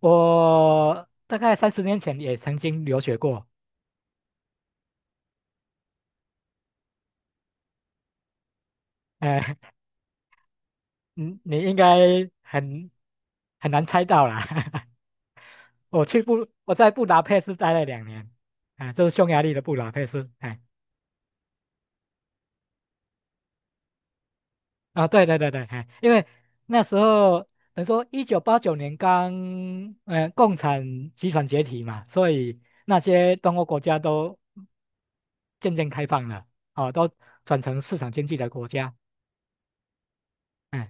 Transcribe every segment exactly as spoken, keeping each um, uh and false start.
我大概三十年前也曾经留学过，哎，你你应该很很难猜到啦。我去布，我在布达佩斯待了两年，啊，就是匈牙利的布达佩斯，哎，啊，对对对对，哎，因为那时候等于说一九八九年刚，呃，共产集团解体嘛，所以那些东欧国家都渐渐开放了，哦，都转成市场经济的国家。哎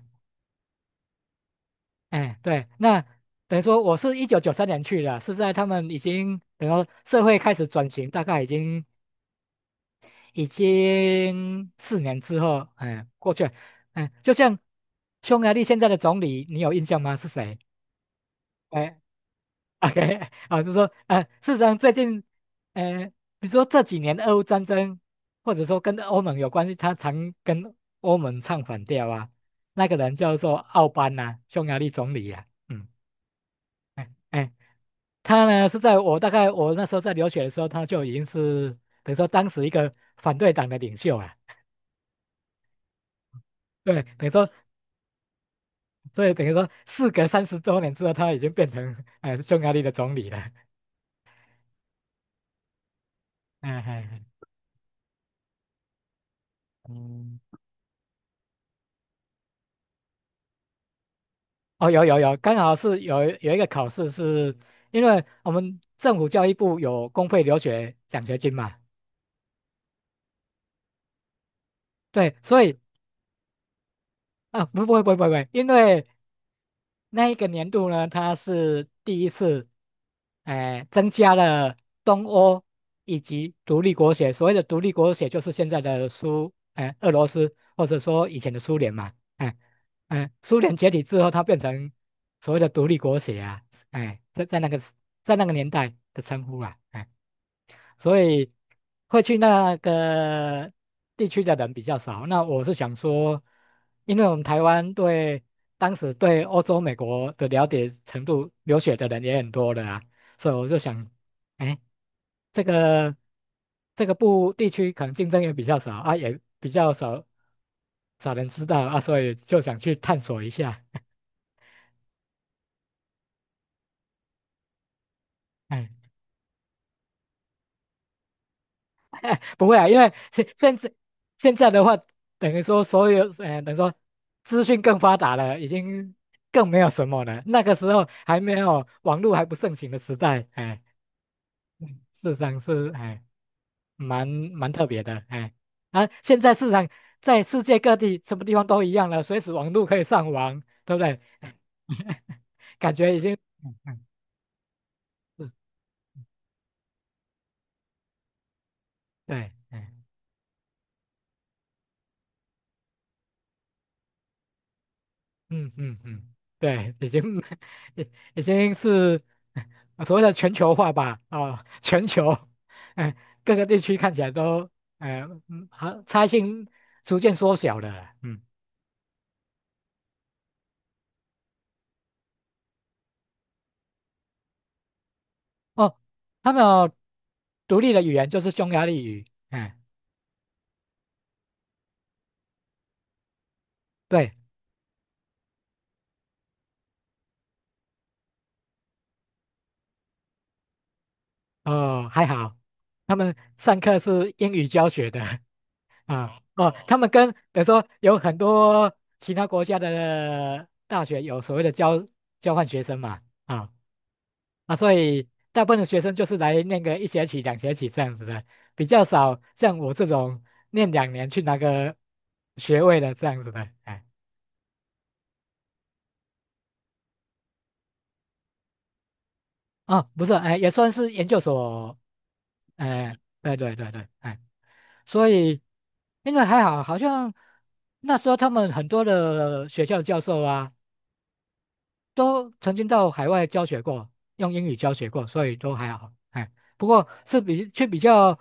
哎，对，那等于说我是一九九三年去的，是在他们已经等于说社会开始转型，大概已经已经四年之后，哎，过去了，哎，就像匈牙利现在的总理，你有印象吗？是谁？哎，OK,啊，就是说，呃，事实上最近，呃，比如说这几年俄乌战争，或者说跟欧盟有关系，他常跟欧盟唱反调啊，那个人叫做奥班呐、匈牙利总理呀、啊嗯。哎，哎他呢是在我大概我那时候在留学的时候，他就已经是等于说当时一个反对党的领袖啊。对，等于说，所以等于说，事隔三十多年之后，他已经变成呃匈牙利的总理了。嗯嗯嗯，哦，有有有，刚好是有有一个考试是，因为我们政府教育部有公费留学奖学金嘛，对，所以啊，不不不不不，因为那一个年度呢，它是第一次，哎、增加了东欧以及独立国协。所谓的独立国协，就是现在的苏，哎、俄罗斯或者说以前的苏联嘛，哎、哎、苏联解体之后，它变成所谓的独立国协啊，哎、在在那个在那个年代的称呼啊，哎所以会去那个地区的人比较少。那我是想说，因为我们台湾对当时对欧洲、美国的了解程度，留学的人也很多的啊，所以我就想，哎，这个这个部地区可能竞争也比较少啊，也比较少少人知道啊，所以就想去探索一下。哎 哎，不会啊，因为现现在现在的话，等于说所有，呃，等于说资讯更发达了，已经更没有什么了。那个时候还没有网络还不盛行的时代，哎，嗯市场是哎蛮蛮特别的，哎，啊，现在市场在世界各地什么地方都一样了，随时网络可以上网，对不对？感觉已经，嗯嗯，是，对。哎嗯嗯嗯，对，已经 已已经是所谓的全球化吧，啊、全球，哎、各个地区看起来都，哎、嗯，好，差异性逐渐缩小了，嗯，哦，他们有独立的语言就是匈牙利语，哎、对，哦，还好，他们上课是英语教学的，啊、哦，他们跟比如说有很多其他国家的大学有所谓的交交换学生嘛。啊、啊，所以大部分的学生就是来念个一学期、两学期这样子的，比较少像我这种念两年去拿个学位的这样子的，哎，哦，不是，哎，也算是研究所，哎，对对对对，哎，所以因为还好，好像那时候他们很多的学校教授啊，都曾经到海外教学过，用英语教学过，所以都还好。哎，不过是比却比较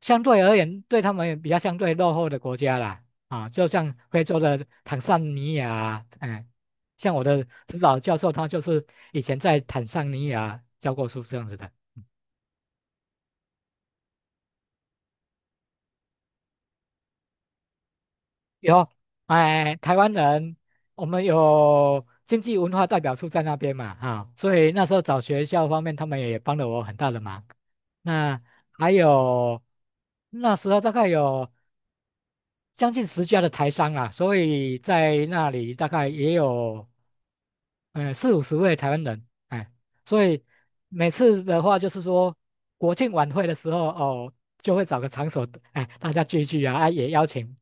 相对而言，对他们也比较相对落后的国家啦。啊，就像非洲的坦桑尼亚啊哎，像我的指导教授他就是以前在坦桑尼亚教过书这样子的。有，哎，台湾人，我们有经济文化代表处在那边嘛，哈、所以那时候找学校方面，他们也帮了我很大的忙。那还有那时候大概有将近十家的台商啊，所以在那里大概也有。呃，四、五十位台湾人，哎，所以每次的话就是说，国庆晚会的时候，哦，就会找个场所，哎，大家聚一聚啊，啊，也邀请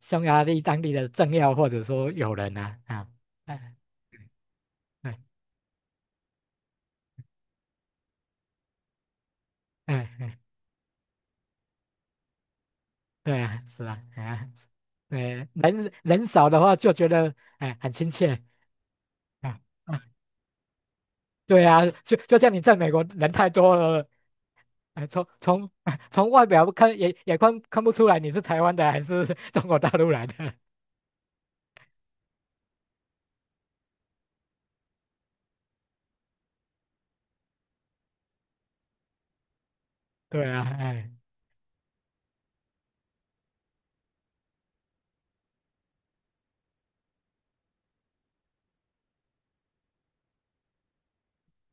匈牙利当地的政要或者说友人啊，啊，哎，哎，哎，哎，对啊，是啊，哎呀，对，人人少的话就觉得，哎，很亲切。啊啊，对啊，就就像你在美国人太多了，哎，从从 从外表看也也看看不出来你是台湾的还是 中国大陆来的。对啊，哎，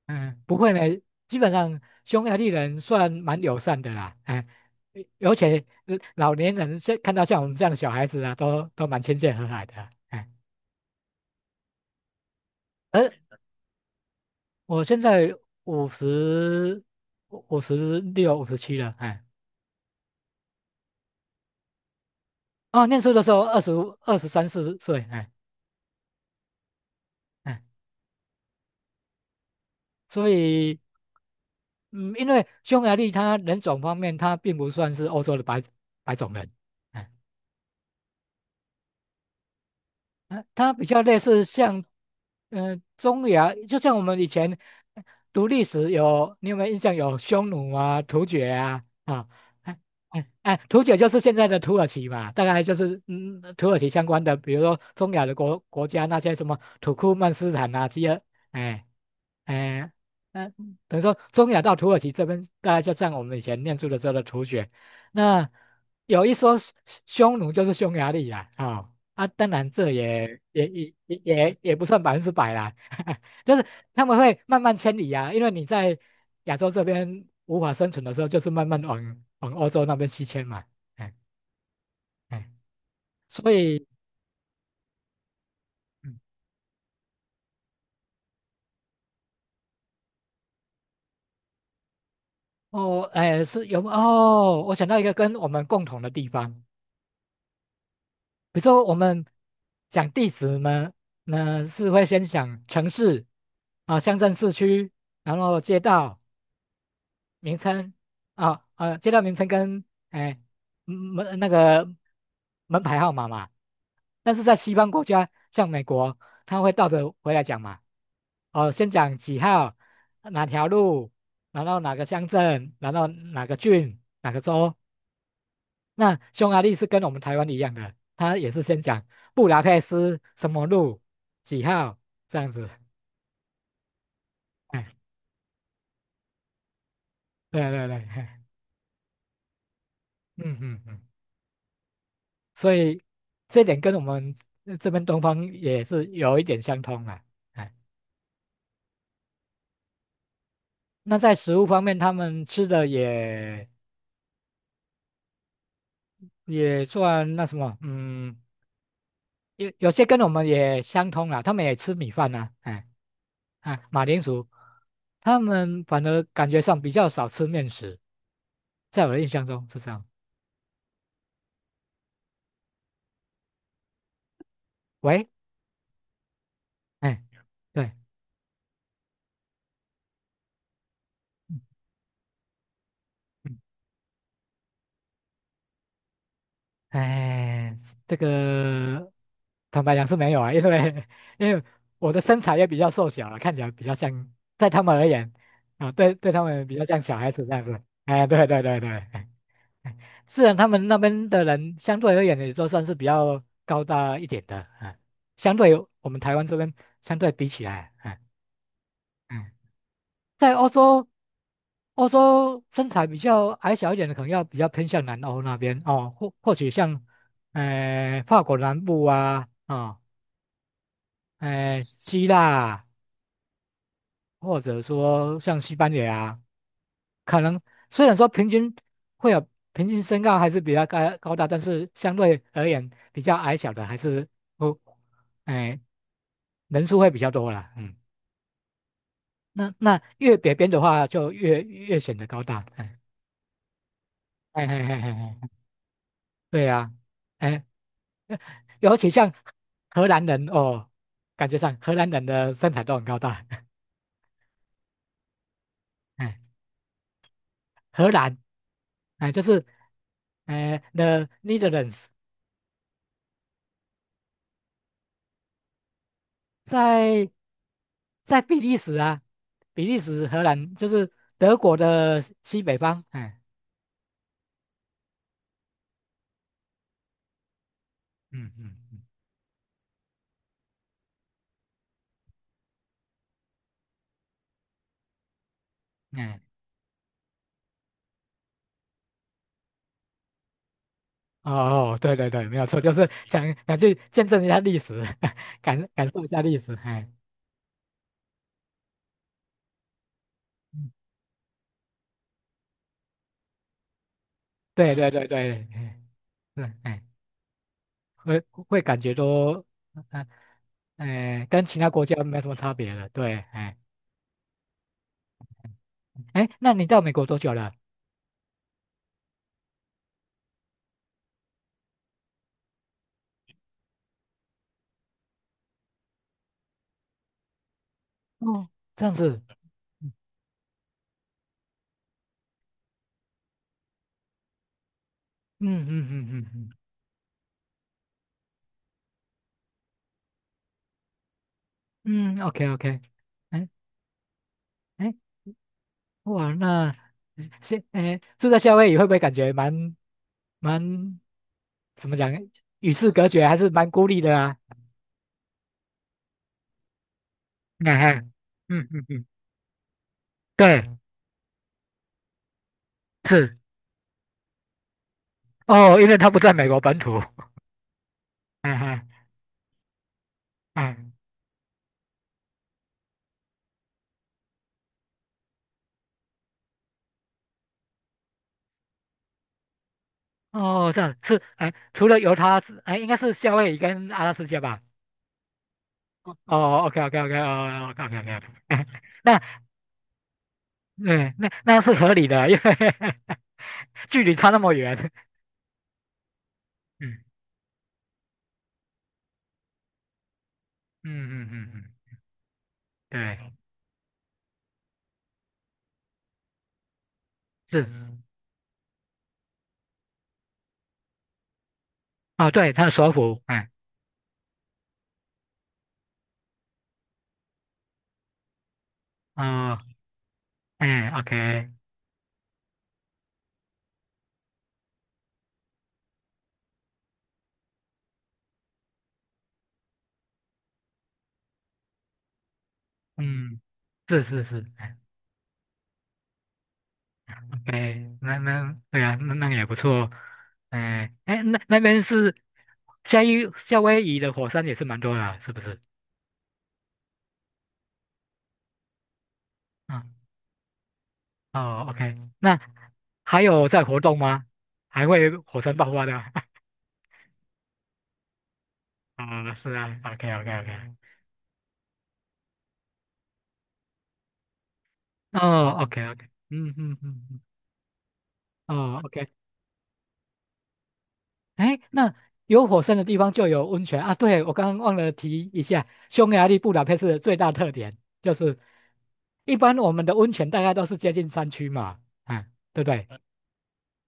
嗯，不会呢，基本上匈牙利人算蛮友善的啦，哎，而且呃老年人现看到像我们这样的小孩子啊，都都蛮亲切和蔼的。哎，而我现在五十五十六五十七了，哎，哦，念书的时候二十二十三四岁，哎哎，所以。嗯，因为匈牙利它人种方面，它并不算是欧洲的白白种人，哎呃它比较类似像，呃，中亚，就像我们以前读历史有，你有没有印象有匈奴啊、突厥啊啊？哎哎哎，突厥就是现在的土耳其嘛，大概就是嗯土耳其相关的，比如说中亚的国国家那些什么土库曼斯坦啊，这些，哎哎嗯，呃等于说中亚到土耳其这边，大概就像我们以前念书的时候的突厥，那有一说匈匈奴就是匈牙利啦，啊、啊，当然这也也也也也也不算百分之百啦，就是他们会慢慢迁移啊，因为你在亚洲这边无法生存的时候，就是慢慢往往欧洲那边西迁嘛，哎哎，所以嗯哦哎是有哦，我想到一个跟我们共同的地方，比如说我们讲地址呢，那是会先想城市啊、乡镇、市区，然后街道。名称啊啊，街道名称跟哎门那个门牌号码嘛，但是在西方国家，像美国，他会倒着回来讲嘛。哦，先讲几号，哪条路，然后哪个乡镇，然后哪个郡，哪个州。那匈牙利是跟我们台湾一样的，他也是先讲布达佩斯什么路几号这样子。哎，对对对，嘿嗯嗯嗯。所以这点跟我们这边东方也是有一点相通啦。哎，那在食物方面，他们吃的也也算那什么，嗯，有有些跟我们也相通啦，他们也吃米饭呐、哎，啊，马铃薯，他们反而感觉上比较少吃面食，在我的印象中是这样。喂，哎，对，嗯嗯。哎，这个坦白讲是没有啊，因为因为我的身材也比较瘦小了，看起来比较像，在他们而言啊，对对他们比较像小孩子这样子。哎，对对对对，哎哎虽然他们那边的人相对而言也都算是比较高大一点的，啊，相对我们台湾这边相对比起来啊，哎嗯在欧洲，欧洲身材比较矮小一点的，可能要比较偏向南欧那边哦，或或许像，呃，法国南部啊，啊、呃，希腊啊或者说像西班牙啊可能虽然说平均会有平均身高还是比较高高大，但是相对而言比较矮小的还是不，哎、人数会比较多啦，嗯，那那越北边的话就越越显得高大，哎哎哎哎哎。嘿嘿嘿嘿对呀、哎，尤其像荷兰人哦，感觉上荷兰人的身材都很高大，哎，荷兰，哎，就是，哎，The Netherlands,在在比利时啊，比利时、荷兰就是德国的西北方，哎，嗯嗯嗯，哎，哦，对对对，没有错，就是想想去见证一下历史，感感受一下历史，哎，嗯对对对对，哎，是，哎。会会感觉都，哎、哎，跟其他国家没什么差别了。对，哎哎，那你到美国多久了？哦，这样子，嗯嗯嗯嗯嗯嗯，OK OK,哎哎，哇，那是哎住在夏威夷会不会感觉蛮蛮怎么讲，与世隔绝，还是蛮孤立的啊？哎哎，嗯嗯嗯，对，是哦，因为他不在美国本土。哎哎嗯。哦，这样是哎，除了犹他之哎，应该是夏威夷跟阿拉斯加吧？哦，OK OK OK 哦，OK OK OK,哎，那对，那那是合理的，因为 距离差那么远。嗯嗯嗯嗯嗯，对，是哦，对，他的首府，哎，哦，哎，OK,嗯，是是是哎，OK,那那对啊，那那个也不错，哎哎，那那边是夏威夏威夷的火山也是蛮多的啊是不是？哦，OK,嗯那还有在活动吗？还会火山爆发的？啊、是啊OK，OK，OK，嗯哦OK，OK，嗯嗯嗯嗯，哦，OK,哎，那有火山的地方就有温泉啊。对，我刚刚忘了提一下，匈牙利布达佩斯的最大特点就是，一般我们的温泉大概都是接近山区嘛，啊，对不对？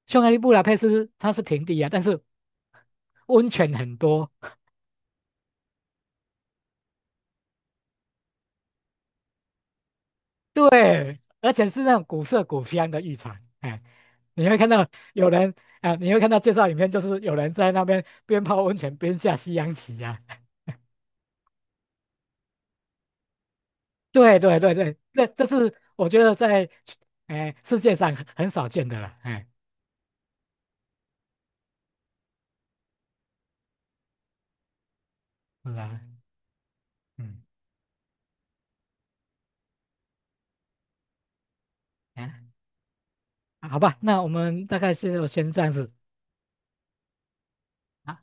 匈牙利布达佩斯它是平地啊，但是温泉很多。对，而且是那种古色古香的浴场，哎，你会看到有人啊，你会看到介绍影片，就是有人在那边边泡温泉边下西洋棋呀、啊。对对对对，这这是我觉得在哎世界上很很少见的了，哎，是啊，嗯，哎，好吧，那我们大概是先这样子啊，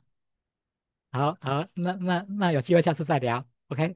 好好，那那那有机会下次再聊，OK。